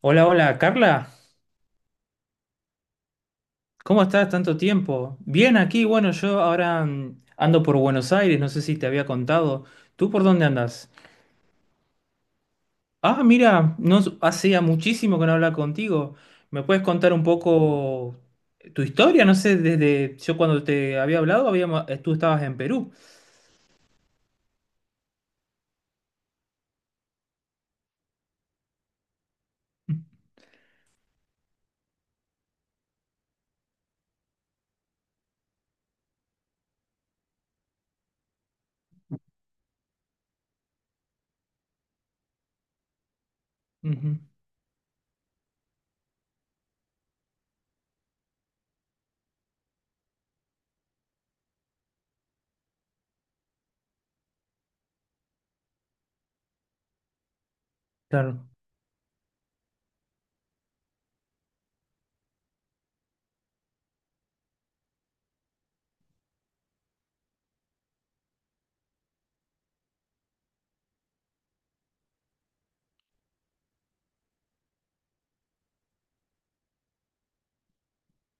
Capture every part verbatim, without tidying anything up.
Hola, hola, Carla. ¿Cómo estás? Tanto tiempo. Bien, aquí, bueno, yo ahora mm, ando por Buenos Aires, no sé si te había contado. ¿Tú por dónde andas? Ah, mira, no s- hacía muchísimo que no hablaba contigo. ¿Me puedes contar un poco tu historia? No sé, desde yo cuando te había hablado, habíamos- tú estabas en Perú. Ujú. Claro.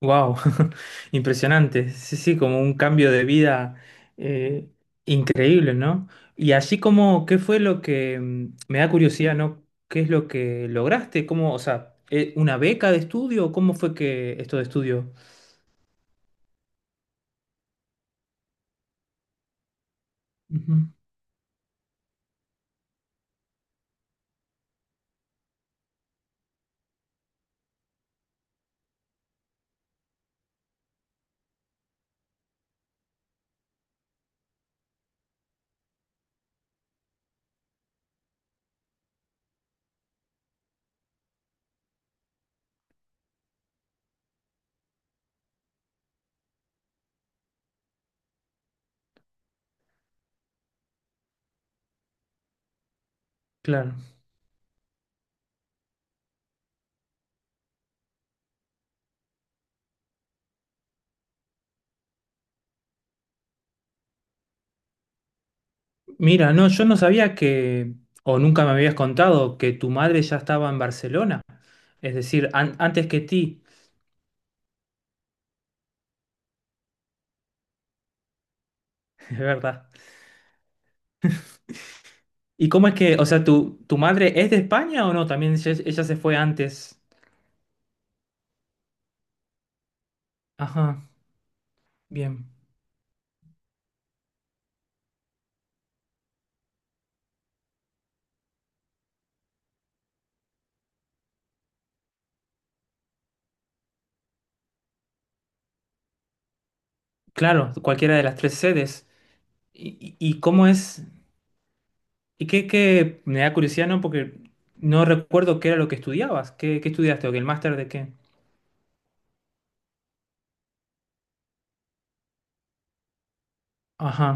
Wow, impresionante. Sí, sí, como un cambio de vida, eh, increíble, ¿no? Y así como, ¿qué fue lo que mm, me da curiosidad, ¿no? ¿Qué es lo que lograste? ¿Cómo, o sea, eh, una beca de estudio? ¿O cómo fue que esto de estudio? Ujú. Claro. Mira, no, yo no sabía que, o nunca me habías contado que tu madre ya estaba en Barcelona, es decir, an- antes que ti, es verdad. ¿Y cómo es que, o sea, tu, tu madre es de España o no? También ella, ella se fue antes. Ajá, bien. Claro, cualquiera de las tres sedes. ¿Y, y- y cómo es? ¿Y qué, qué? Me da curiosidad, ¿no? Porque no recuerdo qué era lo que estudiabas. ¿Qué, qué estudiaste? ¿O qué, el máster de qué? Ajá,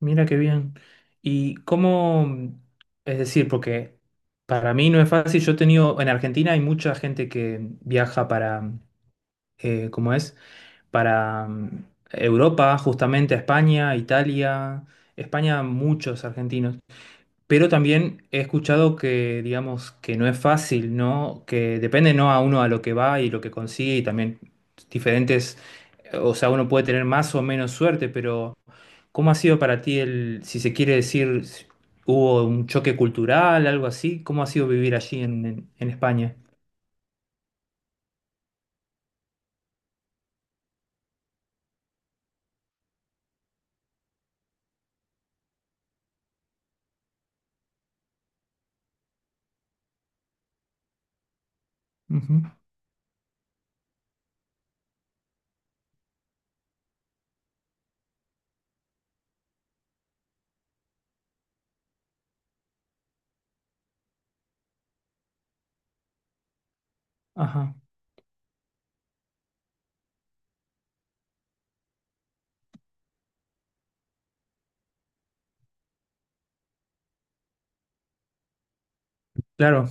mira qué bien. ¿Y cómo? Es decir, porque para mí no es fácil. Yo he tenido, en Argentina hay mucha gente que viaja para, eh, ¿cómo es? Para mm, Europa, justamente a España, Italia. España, muchos argentinos. Pero también he escuchado que, digamos, que no es fácil, ¿no? Que depende, ¿no? A uno a lo que va y lo que consigue y también diferentes, o sea, uno puede tener más o menos suerte, pero ¿cómo ha sido para ti el, si se quiere decir, si hubo un choque cultural, algo así? ¿Cómo ha sido vivir allí en, en- en España? Ujú. Ajá, claro.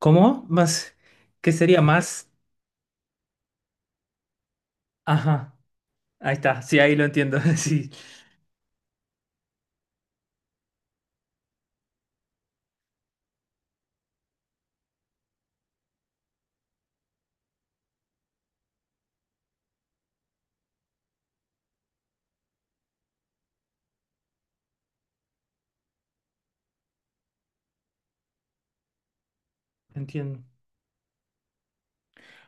¿Cómo? Más, ¿qué sería más? Ajá, ahí está, sí, ahí lo entiendo, sí, entiendo.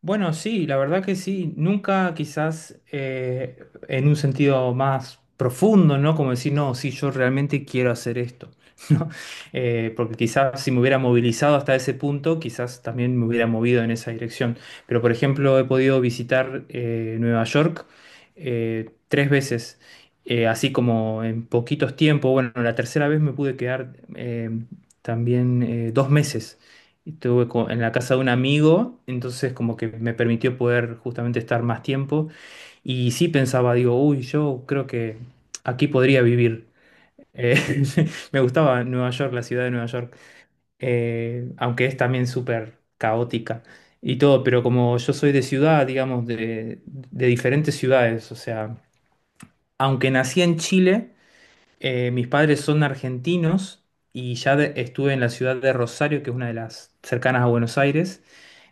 Bueno, sí, la verdad que sí. Nunca quizás eh, en un sentido más profundo, ¿no? Como decir, no, sí, yo realmente quiero hacer esto, ¿no? Eh, porque quizás si me hubiera movilizado hasta ese punto, quizás también me hubiera movido en esa dirección. Pero, por ejemplo, he podido visitar eh, Nueva York eh, tres veces, eh, así como en poquitos tiempos. Bueno, la tercera vez me pude quedar eh, también eh, dos meses. Estuve co- en la casa de un amigo, entonces como que me permitió poder justamente estar más tiempo. Y sí pensaba, digo, uy, yo creo que aquí podría vivir. Eh, me gustaba Nueva York, la ciudad de Nueva York, eh, aunque es también súper caótica y todo, pero como yo soy de ciudad, digamos, de, de diferentes ciudades, o sea, aunque nací en Chile, eh, mis padres son argentinos y ya de- estuve en la ciudad de Rosario, que es una de las cercanas a Buenos Aires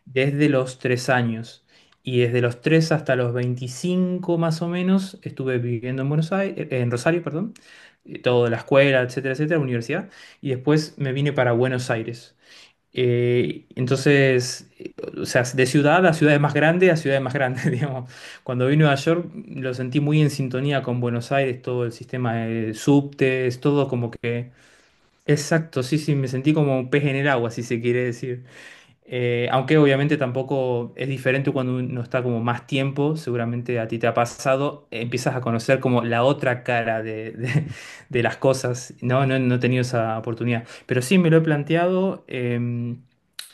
desde los tres años. Y desde los tres hasta los veinticinco más o menos estuve viviendo en Buenos Aires, eh, en Rosario, perdón. Eh, Todo la escuela, etcétera, etcétera, la universidad. Y después me vine para Buenos Aires. Eh, entonces, eh, o sea, de ciudad a ciudad más grande a ciudad más grande, digamos. Cuando vine a Nueva York lo sentí muy en sintonía con Buenos Aires, todo el sistema de subtes, todo como que... Exacto, sí, sí, me sentí como un pez en el agua, si se quiere decir. Eh, aunque obviamente tampoco es diferente cuando uno está como más tiempo, seguramente a ti te ha pasado, eh, empiezas a conocer como la otra cara de, de- de las cosas. No, no, no he tenido esa oportunidad. Pero sí me lo he planteado, em,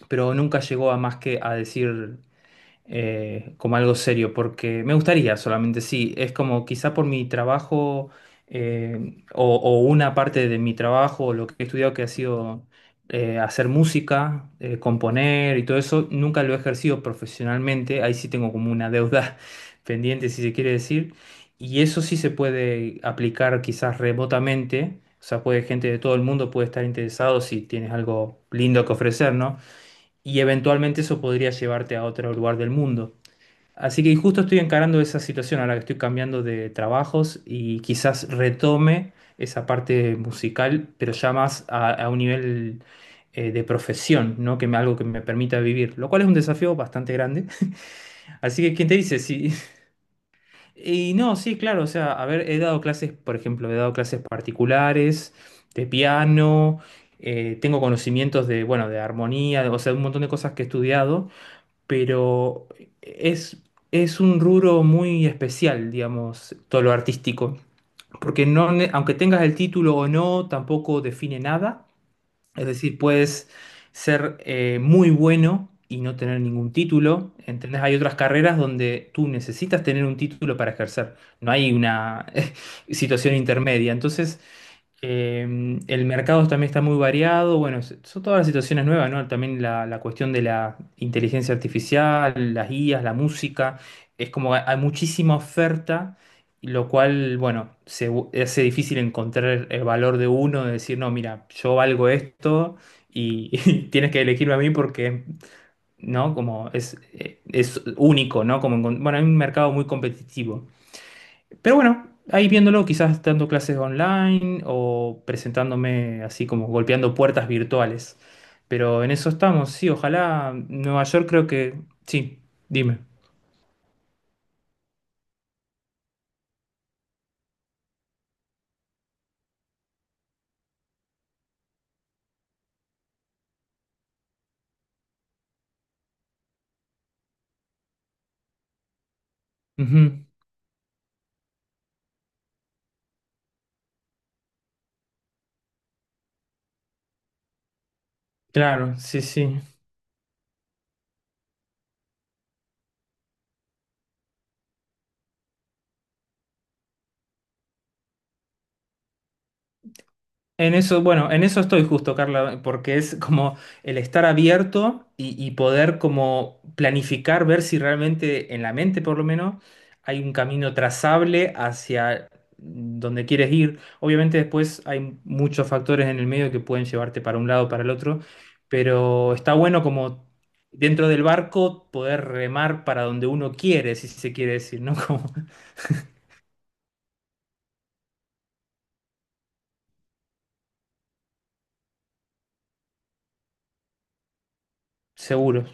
pero nunca llegó a más que a decir eh, como algo serio, porque me gustaría solamente, sí, es como quizá por mi trabajo eh, o, o una parte de mi trabajo, o lo que he estudiado que ha sido eh, hacer música, eh, componer y todo eso, nunca lo he ejercido profesionalmente, ahí sí tengo como una deuda pendiente, si se quiere decir, y eso sí se puede aplicar quizás remotamente. O sea, puede gente de todo el mundo puede estar interesado si tienes algo lindo que ofrecer, ¿no? Y eventualmente eso podría llevarte a otro lugar del mundo. Así que justo estoy encarando esa situación a la que estoy cambiando de trabajos y quizás retome esa parte musical, pero ya más a, a un nivel eh, de profesión, ¿no? Que me, algo que me permita vivir, lo cual es un desafío bastante grande. Así que, ¿quién te dice? Sí. Y no, sí, claro, o sea, a ver, he dado clases, por ejemplo, he dado clases particulares de piano, eh, tengo conocimientos de, bueno, de armonía, o sea, un montón de cosas que he estudiado, pero es, es un rubro muy especial, digamos, todo lo artístico, porque no, ne- aunque tengas el título o no, tampoco define nada, es decir, puedes ser eh, muy bueno y no tener ningún título, ¿entendés? Hay otras carreras donde tú necesitas tener un título para ejercer, no hay una situación intermedia, entonces... Eh, el mercado también está muy variado. Bueno, es- son todas las situaciones nuevas, ¿no? También la, la cuestión de la inteligencia artificial, las guías, la música. Es como hay hay muchísima oferta, y lo cual, bueno, se bu- hace difícil encontrar el valor de uno, de decir, no, mira, yo valgo esto y, y tienes que elegirme a mí porque, ¿no? Como es, eh, es único, ¿no? Como, encon- bueno, hay un mercado muy competitivo. Pero bueno, ahí viéndolo, quizás dando clases online o presentándome así como golpeando puertas virtuales. Pero en eso estamos, sí, ojalá Nueva York creo que... Sí, dime. Ujú. Claro, sí, sí. En eso, bueno, en eso estoy justo, Carla, porque es como el estar abierto y, y poder como planificar, ver si realmente en la mente por lo menos hay un camino trazable hacia donde quieres ir. Obviamente después hay muchos factores en el medio que pueden llevarte para un lado o para el otro, pero está bueno como dentro del barco poder remar para donde uno quiere, si se quiere decir, ¿no? Como seguro.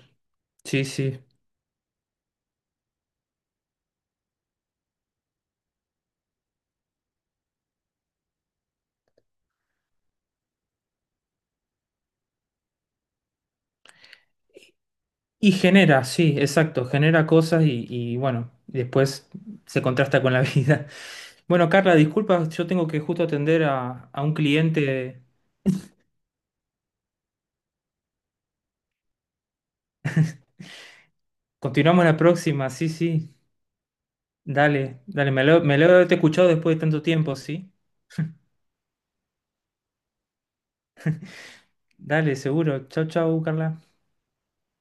Sí, sí. Y genera, sí, exacto, genera cosas y, y, bueno, después se contrasta con la vida. Bueno, Carla, disculpa, yo tengo que justo atender a, a un cliente. Continuamos la próxima, sí, sí. Dale, dale, me lo, me lo he escuchado después de tanto tiempo, sí. Dale, seguro. Chau, chau, Carla.